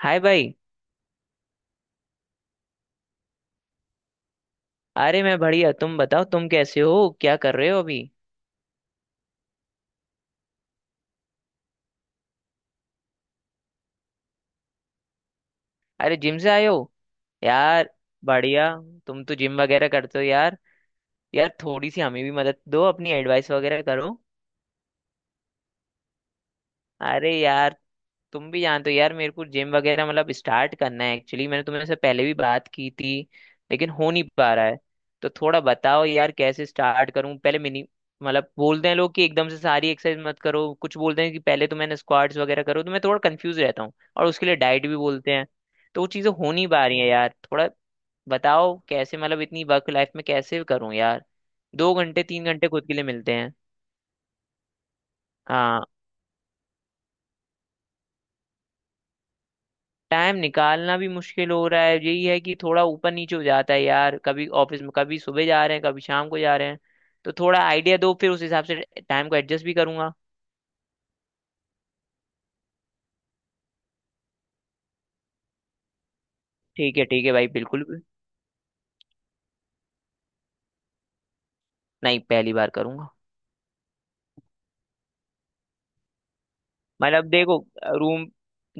हाय भाई। अरे मैं बढ़िया, तुम बताओ, तुम कैसे हो, क्या कर रहे हो अभी? अरे जिम से आए हो? यार बढ़िया। तुम तो जिम वगैरह करते हो यार। यार थोड़ी सी हमें भी मदद दो, अपनी एडवाइस वगैरह करो। अरे यार, तुम भी जानते हो यार, मेरे को जिम वगैरह मतलब स्टार्ट करना है एक्चुअली। मैंने तुम्हें से पहले भी बात की थी, लेकिन हो नहीं पा रहा है। तो थोड़ा बताओ यार कैसे स्टार्ट करूं पहले मिनी। मतलब बोलते हैं लोग कि एकदम से सारी एक्सरसाइज मत करो, कुछ बोलते हैं कि पहले तुम्हें स्क्वाट्स वगैरह करो, तो मैं थोड़ा कंफ्यूज रहता हूँ। और उसके लिए डाइट भी बोलते हैं। तो वो चीज़ें हो नहीं पा रही हैं यार थोड़ा। बताओ कैसे, मतलब इतनी वर्क लाइफ में कैसे करूं यार। 2 घंटे 3 घंटे खुद के लिए मिलते हैं। हाँ। टाइम निकालना भी मुश्किल हो रहा है, यही है कि थोड़ा ऊपर नीचे हो जाता है यार। कभी ऑफिस में, कभी सुबह जा रहे हैं, कभी शाम को जा रहे हैं। तो थोड़ा आइडिया दो, फिर उस हिसाब से टाइम को एडजस्ट भी करूंगा। ठीक है भाई, बिल्कुल भी। नहीं, पहली बार करूंगा। मतलब देखो, रूम,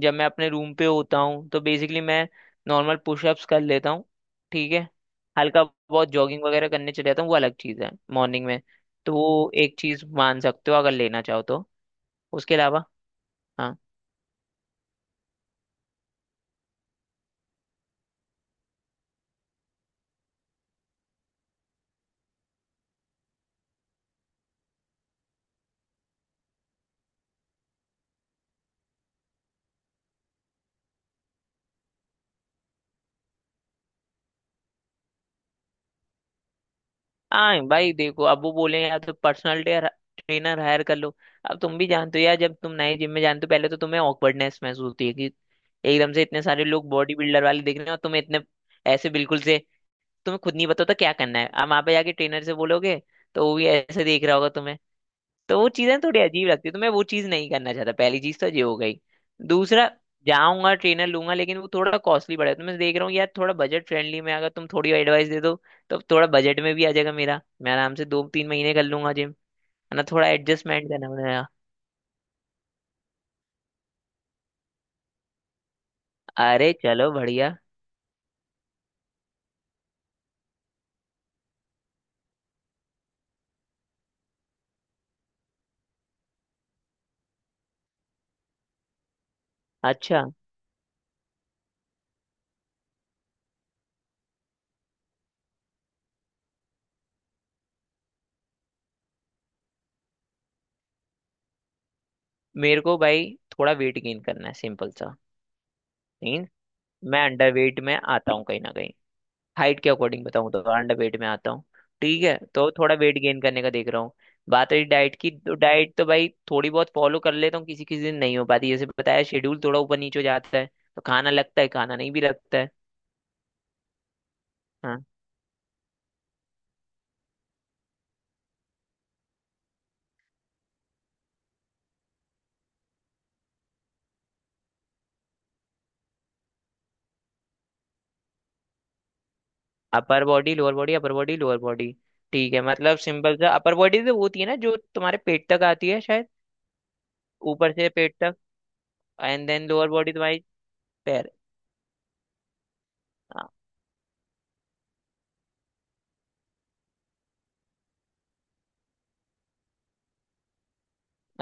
जब मैं अपने रूम पे होता हूँ तो बेसिकली मैं नॉर्मल पुशअप्स कर लेता हूँ। ठीक है। हल्का बहुत जॉगिंग वगैरह करने चले जाता हूँ, वो अलग चीज़ है मॉर्निंग में। तो वो एक चीज़ मान सकते हो अगर लेना चाहो तो। उसके अलावा, हाँ। हाँ भाई देखो, अब वो बोले या तो पर्सनल ट्रेनर हायर कर लो। अब तुम भी जानते हो यार, जब तुम नए जिम में जानते हो पहले तो तुम्हें ऑकवर्डनेस महसूस होती है कि एकदम से इतने सारे लोग बॉडी बिल्डर वाले दिख रहे हैं और तुम्हें इतने, ऐसे बिल्कुल से, तुम्हें खुद नहीं पता होता क्या करना है। अब वहां पे जाके ट्रेनर से बोलोगे तो वो भी ऐसे देख रहा होगा तुम्हें। तो वो चीजें थोड़ी अजीब लगती है, तो मैं वो चीज नहीं करना चाहता। पहली चीज तो ये हो गई। दूसरा, जाऊंगा ट्रेनर लूंगा लेकिन वो थोड़ा कॉस्टली पड़ेगा, तो मैं देख रहा हूँ यार, थोड़ा बजट फ्रेंडली में अगर तुम थोड़ी एडवाइस दे दो तो थोड़ा बजट में भी आ जाएगा मेरा। मैं आराम से 2-3 महीने कर लूंगा जिम, है ना? थोड़ा एडजस्टमेंट करना। मैंने कहा, अरे चलो बढ़िया। अच्छा, मेरे को भाई थोड़ा वेट गेन करना है, सिंपल सा। लेकिन मैं अंडर वेट में आता हूँ कहीं ना कहीं। हाइट के अकॉर्डिंग बताऊं तो अंडर वेट में आता हूँ। ठीक है, तो थोड़ा वेट गेन करने का देख रहा हूँ। बात रही डाइट की, तो डाइट तो भाई थोड़ी बहुत फॉलो कर लेता हूँ, किसी किसी दिन नहीं हो पाती। जैसे बताया, शेड्यूल थोड़ा ऊपर नीचे हो जाता है, तो खाना लगता है, खाना नहीं भी लगता है। हाँ। Upper body lower body upper body lower body. ठीक है, मतलब सिंपल सा। अपर बॉडी तो वो होती है ना जो तुम्हारे पेट तक आती है शायद, ऊपर से पेट तक। एंड देन लोअर बॉडी तुम्हारी पैर। हाँ,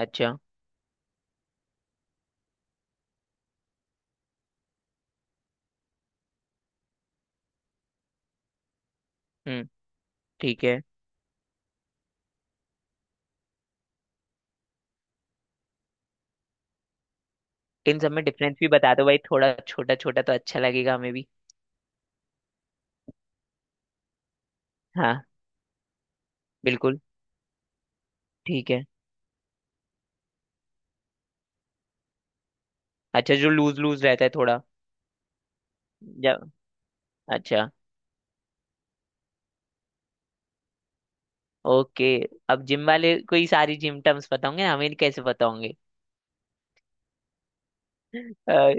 अच्छा। हम्म। ठीक है। इन सब में डिफरेंस भी बता दो भाई थोड़ा, छोटा छोटा तो अच्छा लगेगा हमें भी। हाँ। बिल्कुल। ठीक है। अच्छा, जो लूज लूज रहता है थोड़ा जब। अच्छा। ओके। अब जिम वाले को ही सारी जिम टर्म्स पता होंगे ना, हमें कैसे पता होंगे? अ,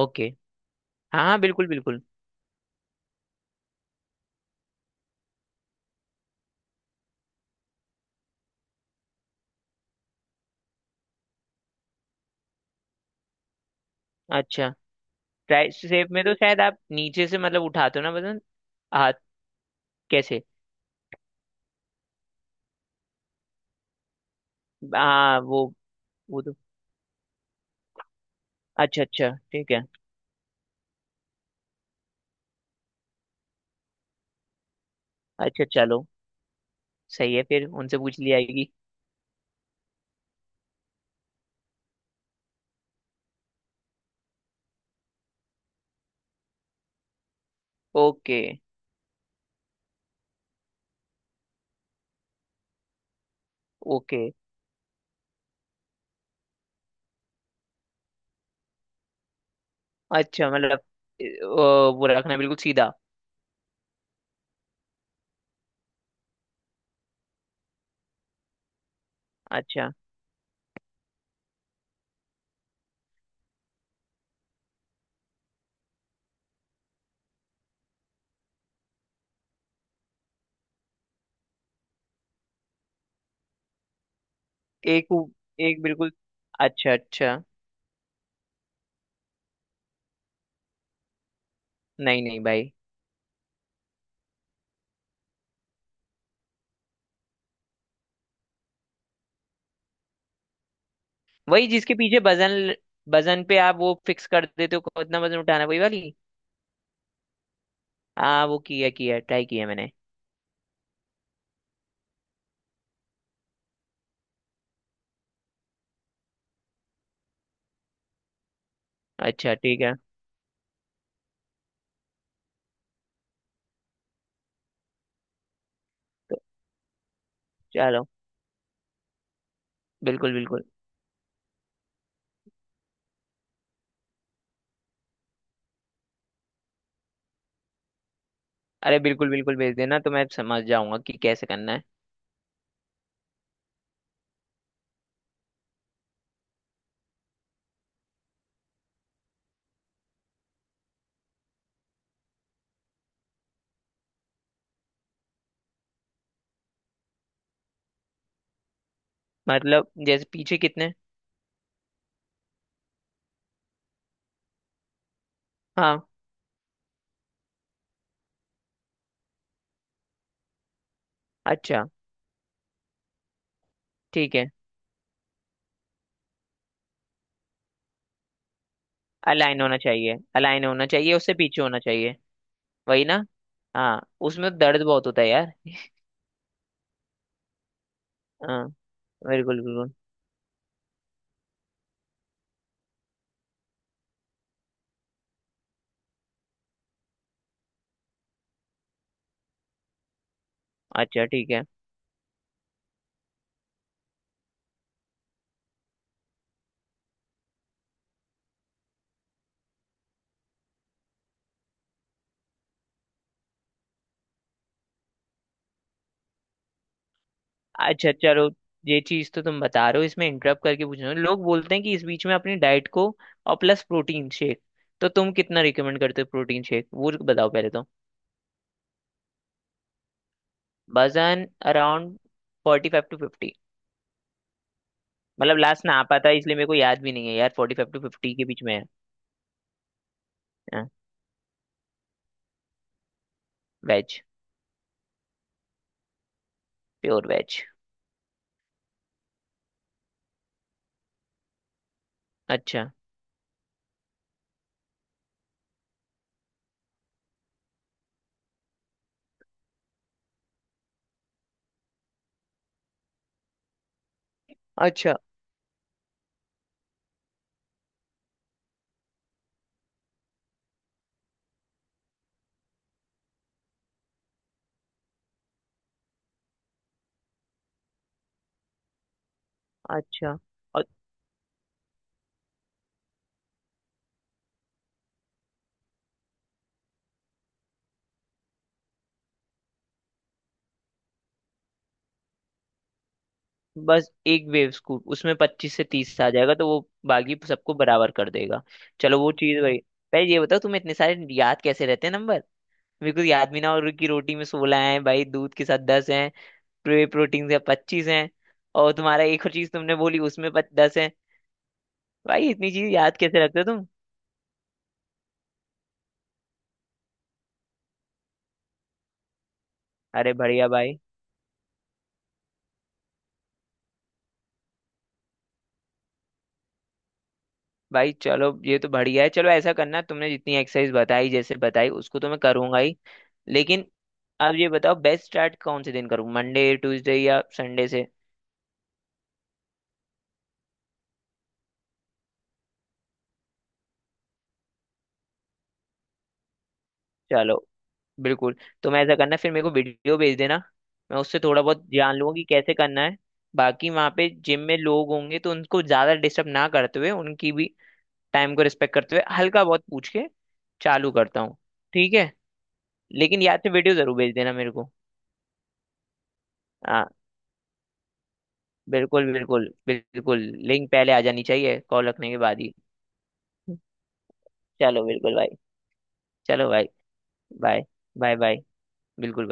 ओके। हाँ हाँ बिल्कुल बिल्कुल। अच्छा, ट्राई सेप में तो शायद आप नीचे से मतलब उठाते हो ना वजन, हाथ? कैसे? हाँ वो तो, अच्छा अच्छा ठीक है। अच्छा चलो। सही है, फिर उनसे पूछ ली जाएगी। ओके। ओके। अच्छा मतलब, वो रखना बिल्कुल सीधा। अच्छा। एक उ- एक बिल्कुल, अच्छा अच्छा। नहीं नहीं भाई। वही जिसके पीछे वजन, वजन पे आप वो फिक्स कर देते हो कितना वजन उठाना है, वही वाली। हाँ वो किया किया ट्राई किया मैंने। अच्छा ठीक है। तो चलो, बिल्कुल बिल्कुल। अरे बिल्कुल बिल्कुल, भेज देना तो मैं समझ जाऊंगा कि कैसे करना है। मतलब जैसे पीछे कितने? हाँ। अच्छा ठीक है। अलाइन होना चाहिए, अलाइन होना चाहिए, उससे पीछे होना चाहिए। वही ना। हाँ। उसमें दर्द बहुत होता है यार। हाँ बिल्कुल बिल्कुल। अच्छा ठीक है। अच्छा चलो, ये चीज तो तुम बता रहे हो, इसमें इंटरप्ट करके पूछ रहे हो, लोग बोलते हैं कि इस बीच में अपनी डाइट को और प्लस प्रोटीन शेक, तो तुम कितना रिकमेंड करते हो प्रोटीन शेक, वो बताओ पहले तो। वजन अराउंड 45-50। मतलब लास्ट ना आ पाता है, इसलिए मेरे को याद भी नहीं है यार, 45-50 के बीच में है। वेज। Pure veg. अच्छा, अच्छा अच्छा। और बस एक वेव स्कूप उसमें 25 से 30 आ जाएगा, तो वो बाकी सबको बराबर कर देगा। चलो, वो चीज वही। पहले ये बताओ तुम्हें इतने सारे याद कैसे रहते हैं नंबर? मेरे को याद भी ना, और की रोटी में 16 हैं भाई, दूध के साथ 10 हैं, प्रे प्रोटीन से 25 हैं, और तुम्हारा एक और चीज तुमने बोली उसमें 10 हैं। भाई इतनी चीज याद कैसे रखते हो तुम? अरे बढ़िया भाई। भाई चलो ये तो बढ़िया है। चलो ऐसा करना, तुमने जितनी एक्सरसाइज बताई, जैसे बताई उसको तो मैं करूंगा ही, लेकिन अब ये बताओ, बेस्ट स्टार्ट कौन से दिन करूँ, मंडे ट्यूसडे या संडे से? चलो बिल्कुल। तुम ऐसा करना फिर मेरे को वीडियो भेज देना, मैं उससे थोड़ा बहुत जान लूंगा कि कैसे करना है। बाकी वहां पे जिम में लोग होंगे, तो उनको ज्यादा डिस्टर्ब ना करते हुए, उनकी भी टाइम को रिस्पेक्ट करते हुए, हल्का बहुत पूछ के चालू करता हूँ। ठीक है। लेकिन याद से वीडियो जरूर भेज देना मेरे को। हाँ बिल्कुल बिल्कुल बिल्कुल। लिंक पहले आ जानी चाहिए कॉल रखने के बाद ही। चलो बिल्कुल भाई। चलो भाई। बाय। Bye bye. बिल्कुल भाई।